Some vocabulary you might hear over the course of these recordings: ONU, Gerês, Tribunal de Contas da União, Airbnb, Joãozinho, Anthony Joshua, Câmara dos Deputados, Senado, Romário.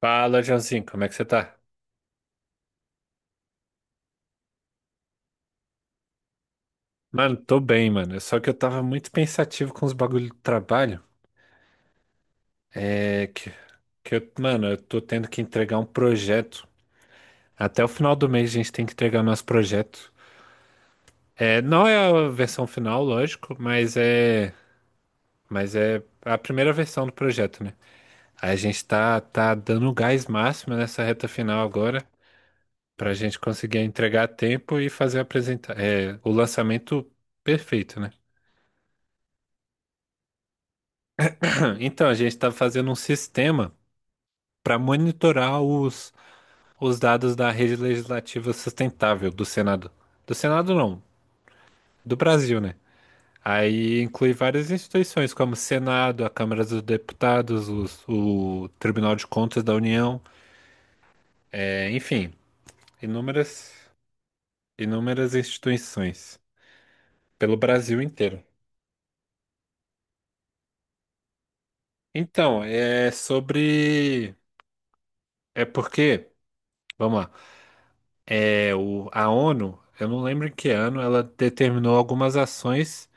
Fala, Joãozinho, como é que você tá? Mano, tô bem, mano. Só que eu tava muito pensativo com os bagulho do trabalho. É que eu tô tendo que entregar um projeto. Até o final do mês a gente tem que entregar o nosso projeto. Não é a versão final, lógico, mas é a primeira versão do projeto, né? Aí a gente tá dando o gás máximo nessa reta final agora, pra gente conseguir entregar a tempo e fazer apresentar, o lançamento perfeito, né? Então, a gente está fazendo um sistema para monitorar os dados da rede legislativa sustentável do Senado. Do Senado não, do Brasil, né? Aí inclui várias instituições como o Senado, a Câmara dos Deputados, o Tribunal de Contas da União, enfim, inúmeras, inúmeras instituições pelo Brasil inteiro. Então, é sobre. É porque, vamos lá. A ONU, eu não lembro em que ano, ela determinou algumas ações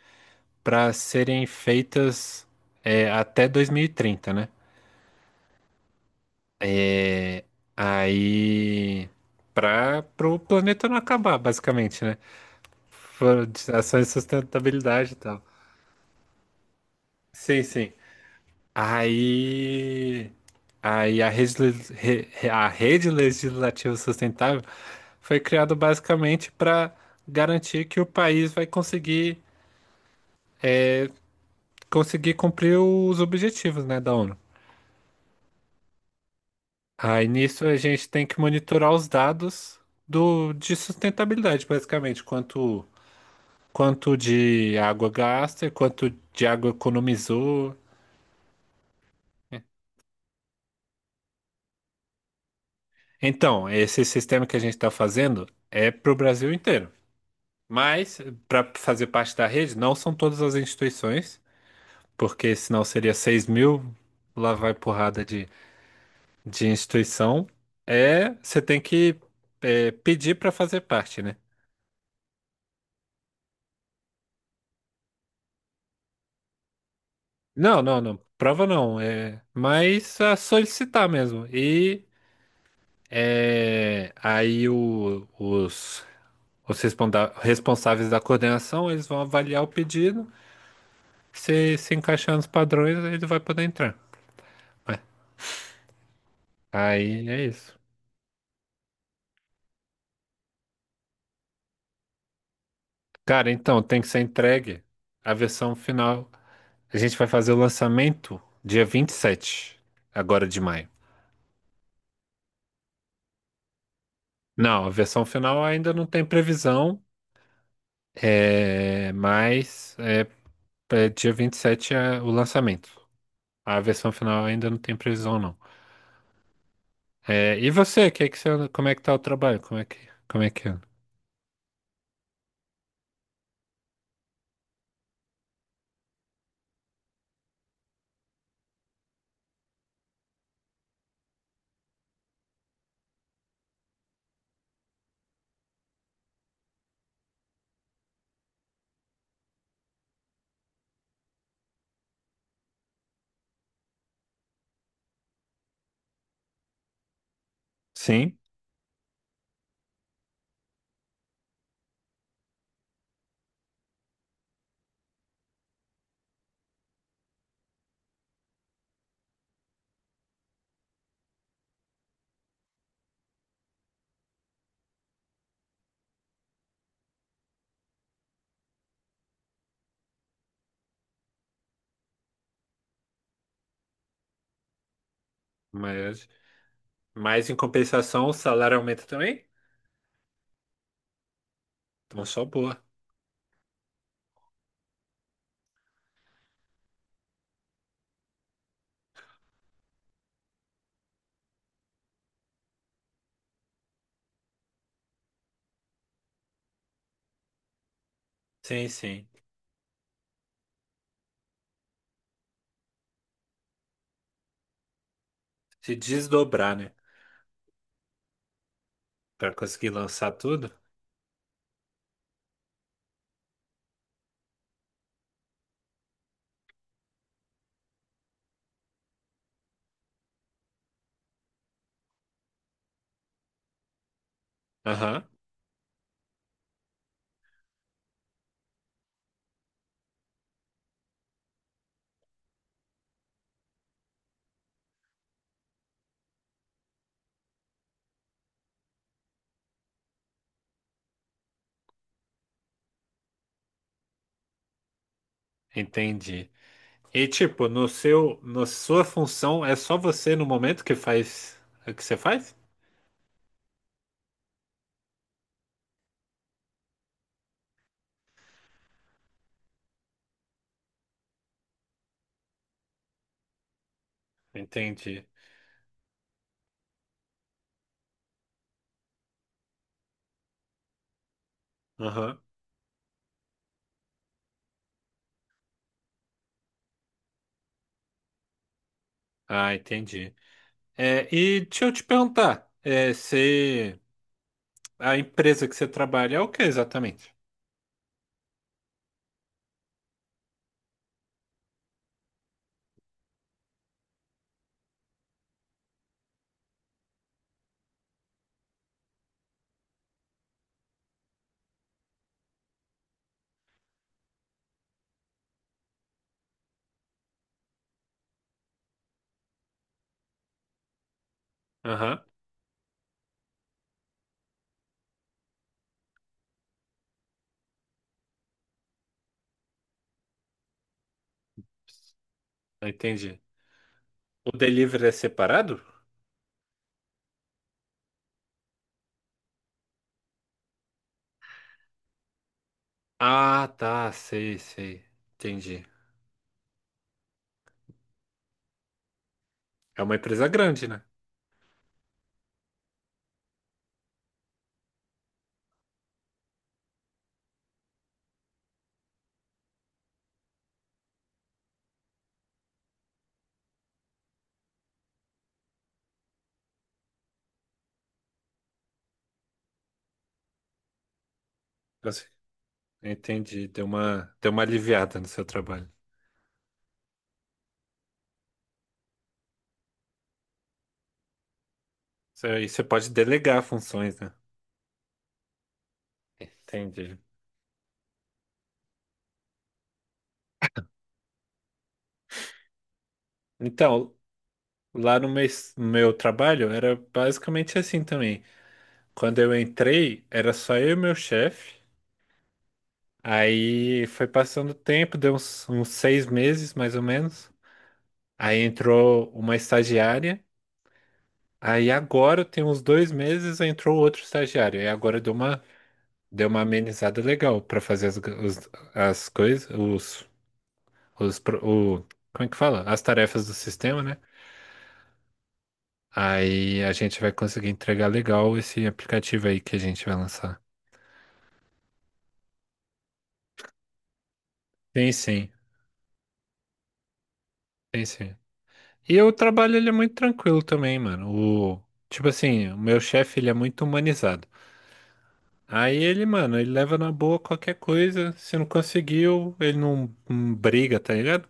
para serem feitas até 2030, né? Aí, para o planeta não acabar, basicamente, né? Ações de sustentabilidade e tal. Sim, sim. Aí, aí a rede, le- re- re- a rede legislativa sustentável foi criada basicamente para garantir que o país vai conseguir cumprir os objetivos, né, da ONU. Aí nisso a gente tem que monitorar os dados de sustentabilidade, basicamente, quanto de água gasta, e quanto de água economizou. Então, esse sistema que a gente está fazendo é para o Brasil inteiro. Mas, para fazer parte da rede, não são todas as instituições, porque senão seria 6.000, lá vai porrada de instituição. É, você tem que pedir para fazer parte, né? Não, não, não. Prova não. É, mas a solicitar mesmo. E aí os responsáveis da coordenação, eles vão avaliar o pedido. Se se encaixar nos padrões, ele vai poder entrar. É, Aí é isso. Cara, então tem que ser entregue a versão final. A gente vai fazer o lançamento dia 27, agora de maio. Não, a versão final ainda não tem previsão, é, mas. é, dia 27 é o lançamento. A versão final ainda não tem previsão, não. E você, que é que você, como é que tá o trabalho? Como é que anda? Sim, mas, mas em compensação o salário aumenta também? Então só boa. Sim, sim. Se desdobrar, né? Pra conseguir lançar tudo. Aham, entendi. E tipo, no seu, na sua função, é só você no momento que faz o que você faz? Entendi. Aham. Ah, entendi. E deixa eu te perguntar, se a empresa que você trabalha é o que exatamente? Aham, entendi. O delivery é separado? Ah, tá, sei, sei. Entendi. É uma empresa grande, né? Eu sei. Entendi. Deu uma aliviada no seu trabalho. E você pode delegar funções, né? Entendi. Então, lá no meu trabalho era basicamente assim também. Quando eu entrei, era só eu e meu chefe. Aí foi passando o tempo, deu uns 6 meses mais ou menos. Aí entrou uma estagiária. Aí agora tem uns 2 meses, entrou outro estagiário. E agora deu uma amenizada legal para fazer as coisas, os, pro- o, como é que fala? As tarefas do sistema, né? Aí a gente vai conseguir entregar legal esse aplicativo aí que a gente vai lançar. Sim, sim, sim, sim. E o trabalho ele é muito tranquilo também, mano. O, tipo assim, o meu chefe ele é muito humanizado. Aí ele, mano, ele leva na boa qualquer coisa. Se não conseguiu, ele não, não briga, tá ligado?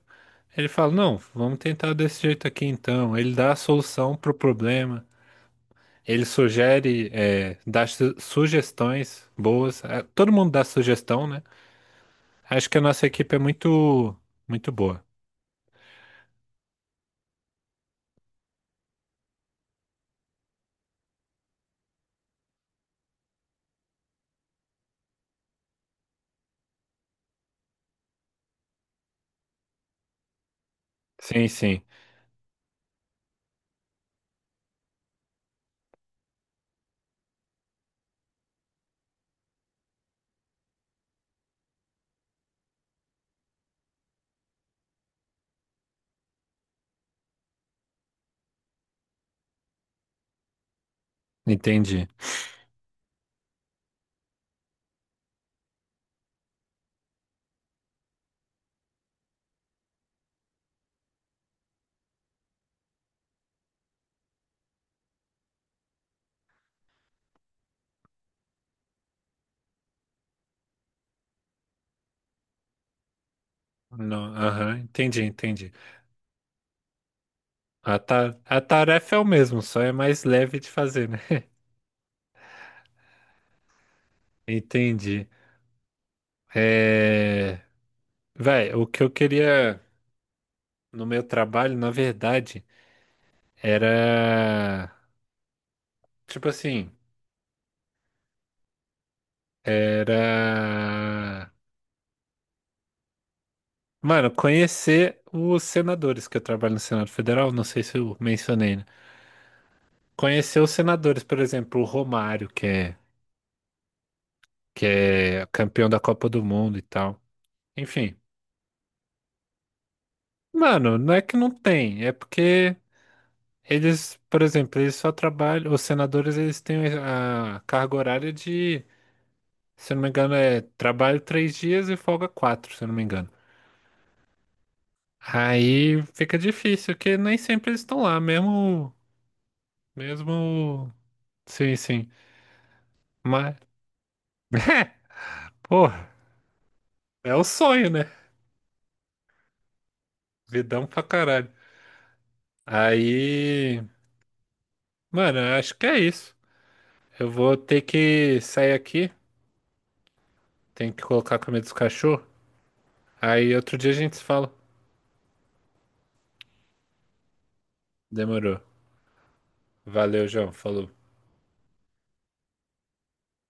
Ele fala, não, vamos tentar desse jeito aqui então. Ele dá a solução pro problema. Ele sugere, dá sugestões boas. É, todo mundo dá sugestão, né? Acho que a nossa equipe é muito, muito boa. Sim, sim, entendi. Não, aham, entendi, entendi. A tarefa é o mesmo, só é mais leve de fazer, né? Entendi. É... Véi, o que eu queria no meu trabalho, na verdade, era. Tipo assim, era. Mano, conhecer os senadores, que eu trabalho no Senado Federal, não sei se eu mencionei, né? Conhecer os senadores, por exemplo, o Romário, que é campeão da Copa do Mundo e tal. Enfim. Mano, não é que não tem, é porque. Eles, por exemplo, eles só trabalham, os senadores eles têm a carga horária de, se eu não me engano, é trabalho 3 dias e folga quatro, se eu não me engano. Aí fica difícil, porque nem sempre eles estão lá, mesmo, mesmo, sim, sim. Mas, porra, é o sonho, né? Vidão pra caralho. Aí, mano, eu acho que é isso. Eu vou ter que sair aqui, tenho que colocar a comida dos cachorros. Aí outro dia a gente se fala. Demorou. Valeu, João. Falou.